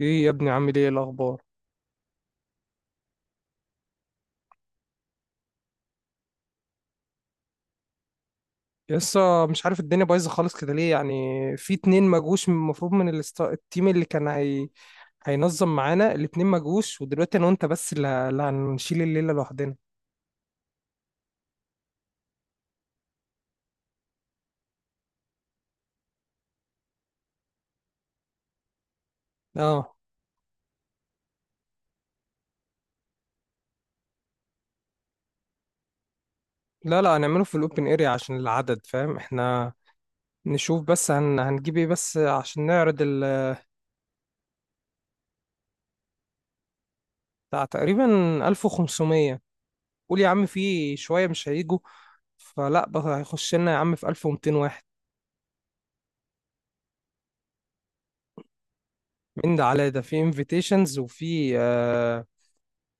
ايه يا ابني، عامل ايه الاخبار؟ لسه مش عارف، الدنيا بايظه خالص كده ليه يعني؟ في اتنين ما جوش، المفروض التيم اللي هينظم معانا الاتنين ما جوش، ودلوقتي انا وانت بس اللي هنشيل الليله لوحدنا. اه، لا لا، هنعمله في الاوبن اريا عشان العدد، فاهم؟ احنا نشوف بس هنجيب ايه بس عشان نعرض بتاع تقريبا 1500. قول يا عم، في شويه مش هيجوا، فلا بقى هيخش لنا يا عم في 1200 واحد. من ده على ده في انفيتيشنز، وفي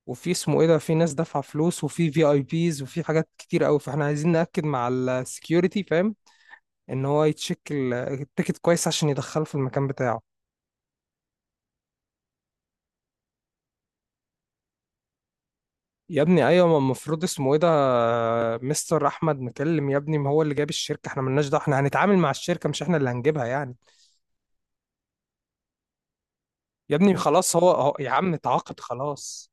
وفي اسمه ايه ده، في ناس دافعه فلوس، وفي اي بيز، وفي حاجات كتير قوي. فاحنا عايزين ناكد مع السكيورتي، فاهم، ان هو يتشيك التيكت كويس عشان يدخله في المكان بتاعه. يا ابني ايوه، ما المفروض اسمه ايه ده، مستر احمد مكلم. يا ابني، ما هو اللي جاب الشركه، احنا مالناش دعوه. احنا هنتعامل مع الشركه، مش احنا اللي هنجيبها يعني. يا ابني خلاص، يا عم اتعاقد خلاص.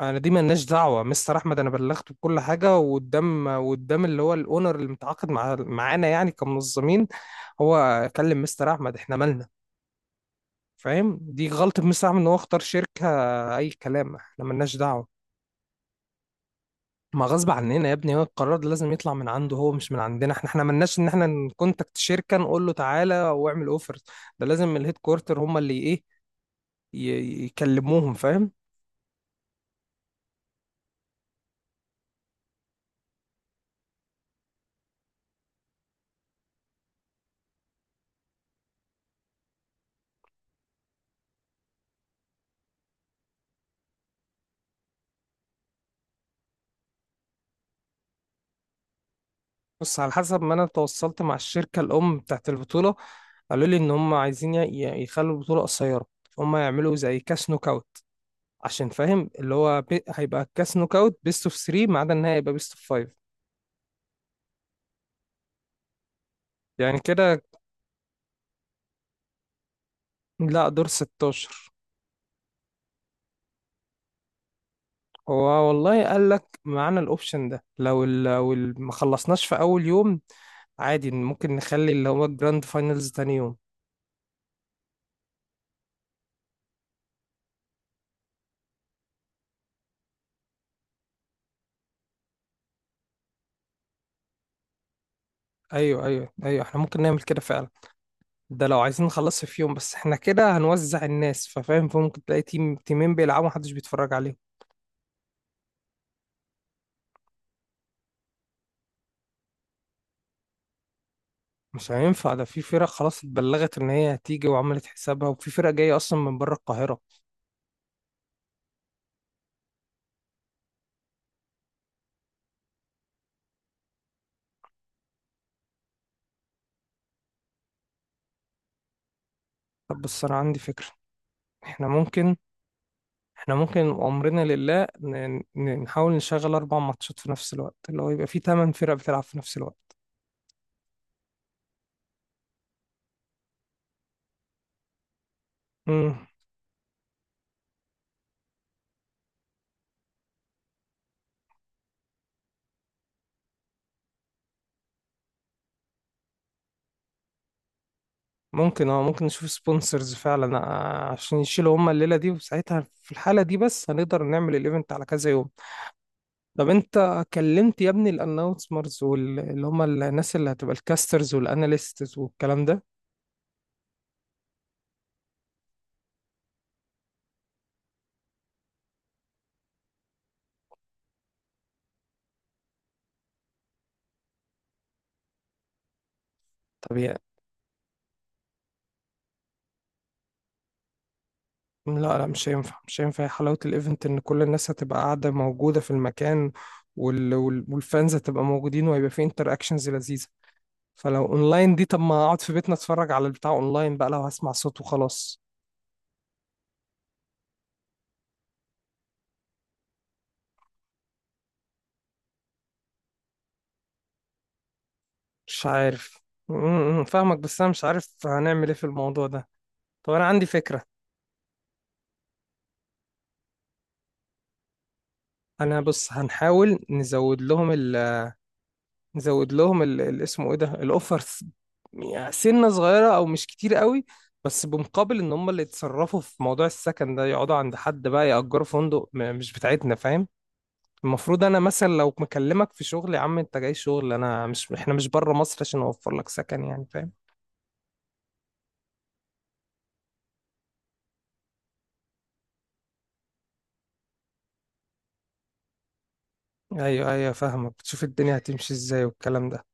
انا دي ملناش دعوه مستر احمد، انا بلغته بكل حاجه، وقدام وقدام اللي هو الاونر اللي متعاقد مع معانا يعني كمنظمين. هو كلم مستر احمد، احنا مالنا، فاهم؟ دي غلطه مستر احمد ان هو اختار شركه اي كلام، احنا ملناش دعوه. ما غصب عننا يا ابني، هو القرار ده لازم يطلع من عنده هو، مش من عندنا احنا. احنا ملناش ان احنا نكونتاكت شركه نقول له تعالى واعمل اوفرز. ده لازم الهيد كوارتر هم اللي ايه، يكلموهم، فاهم؟ بص، على حسب ما انا تواصلت مع الشركه الام بتاعت البطوله، قالوا لي ان هم عايزين يخلوا البطوله قصيره. هم يعملوا زي كاس نوك اوت، عشان فاهم اللي هو هيبقى كاس نوك اوت بيست اوف 3، ما عدا النهائي هيبقى بيست اوف 5. يعني كده. لا، دور 16. هو والله قال لك معانا الاوبشن ده، لو ما خلصناش في اول يوم عادي، ممكن نخلي اللي هو الجراند فاينلز تاني يوم. ايوه ايوه ايوه، احنا ممكن نعمل كده فعلا. ده لو عايزين نخلص في يوم، بس احنا كده هنوزع الناس، ففاهم، فممكن تلاقي تيمين بيلعبوا محدش بيتفرج عليهم. مش هينفع ده، في فرق خلاص اتبلغت ان هي هتيجي وعملت حسابها، وفي فرق جاية اصلا من بره القاهرة. طب بس انا عندي فكرة، احنا ممكن احنا ممكن وامرنا لله نحاول نشغل اربع ماتشات في نفس الوقت، اللي هو يبقى في تمن فرق بتلعب في نفس الوقت. مم. ممكن اه، ممكن نشوف سبونسرز فعلا، عشان يشيلوا هما الليلة دي، وساعتها في الحالة دي بس هنقدر نعمل الايفنت على كذا يوم. طب انت كلمت يا ابني الاناونسرز، واللي هم الناس اللي هتبقى الكاسترز والاناليستس والكلام ده؟ طب يا لا لا، مش هينفع، مش هينفع. حلاوة الايفنت ان كل الناس هتبقى قاعدة موجودة في المكان، والفانز هتبقى موجودين، وهيبقى في انتر اكشنز لذيذة. فلو اونلاين دي، طب ما اقعد في بيتنا اتفرج على البتاع اونلاين بقى، لو هسمع صوت وخلاص. مش عارف. فاهمك، بس انا مش عارف هنعمل ايه في الموضوع ده. طب انا عندي فكرة. انا بص، هنحاول نزود لهم، نزود لهم اسمه ايه ده، الاوفرز، يعني سنة صغيرة او مش كتير قوي، بس بمقابل ان هم اللي يتصرفوا في موضوع السكن ده، يقعدوا عند حد بقى، يأجروا فندق، مش بتاعتنا، فاهم؟ المفروض انا مثلا لو مكلمك في شغل يا عم، انت جاي شغل، انا مش، احنا مش بره مصر عشان اوفر لك سكن يعني، فاهم؟ ايوه ايوه، فاهمك، بتشوف الدنيا هتمشي ازاي والكلام ده.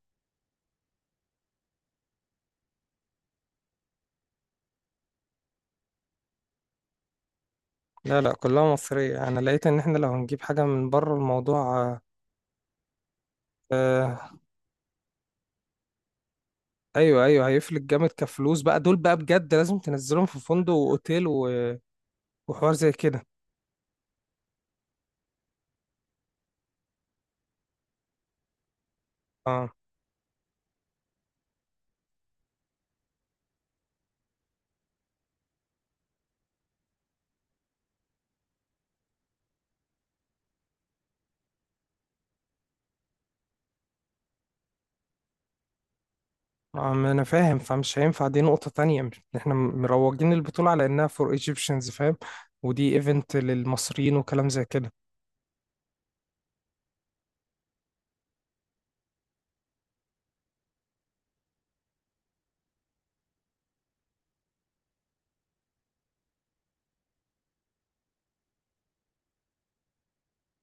لا لا، كلها مصرية. انا لقيت ان احنا لو هنجيب حاجة من بره، الموضوع آه، ايوه ايوه هيفلك جامد كفلوس بقى. دول بقى بجد لازم تنزلهم في فندق واوتيل وحوار زي كده. اه اه، ما انا فاهم، فمش هينفع دي نقطة تانية. احنا مروجين البطولة على انها فور ايجيبشنز، فاهم؟ ودي ايفنت للمصريين وكلام زي كده.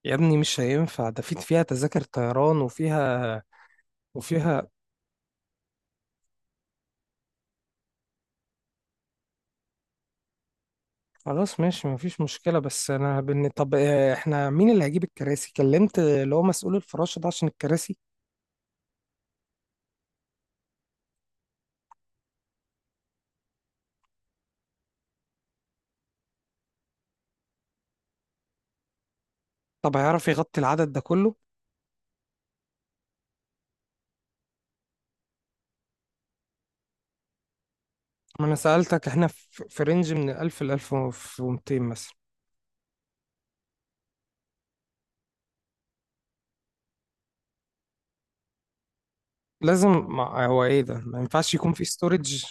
يا ابني مش هينفع ده، في فيها تذاكر طيران وفيها، وفيها. خلاص ماشي، مفيش مشكلة. بس انا طب احنا مين اللي هيجيب الكراسي؟ كلمت اللي هو مسؤول الفراشة ده عشان الكراسي؟ طب هيعرف يغطي العدد ده كله؟ ما انا سألتك، احنا في رينج من 1000 ل 1200 مثلا. لازم، ما هو ايه ده، ما ينفعش يكون في ستورج.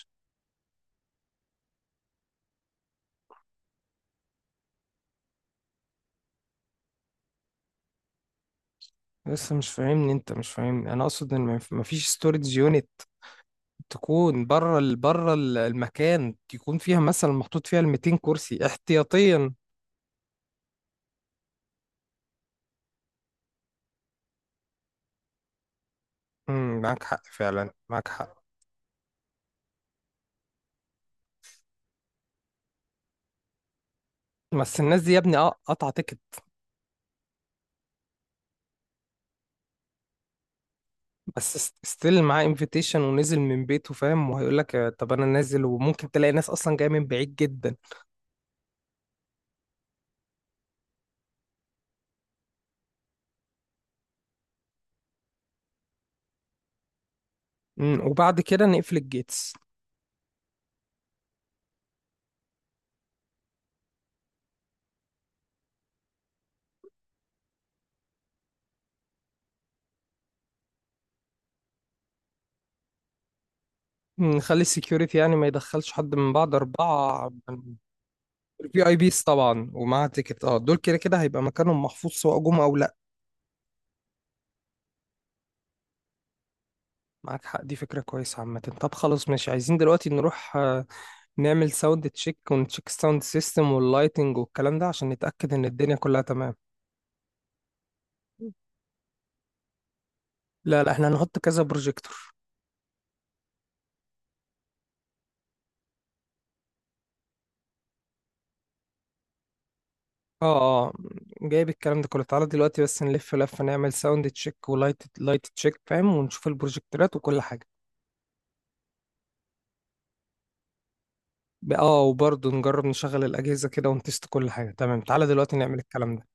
لسه مش فاهمني، انت مش فاهمني. انا اقصد ان ما فيش ستورج يونت تكون بره المكان، يكون فيها مثلا محطوط فيها ال 200 كرسي احتياطيا. معاك حق فعلا، معاك حق. بس الناس دي يا ابني، اه، قطع تيكت بس ستيل معاه انفيتيشن ونزل من بيته، فاهم، وهيقول لك طب انا نازل. وممكن تلاقي ناس اصلا جايه من بعيد جدا. وبعد كده نقفل الجيتس، نخلي السكيورتي يعني ما يدخلش حد من بعد 4. في اي بيس طبعا ومعاه تيكت، اه، دول كده كده هيبقى مكانهم محفوظ سواء جم او لا. معاك حق، دي فكرة كويسة عامة. طب خلاص ماشي، عايزين دلوقتي نروح، نعمل ساوند تشيك، ونتشيك ساوند سيستم واللايتنج والكلام ده، عشان نتأكد ان الدنيا كلها تمام. لا لا، احنا هنحط كذا بروجيكتور. اه اه، جايب الكلام ده كله. تعالى دلوقتي بس نلف لفة، نعمل ساوند تشيك لايت تشيك، فاهم، ونشوف البروجيكتورات وكل حاجة. وبرضه نجرب نشغل الأجهزة كده ونتست كل حاجة تمام. تعالى دلوقتي نعمل الكلام ده.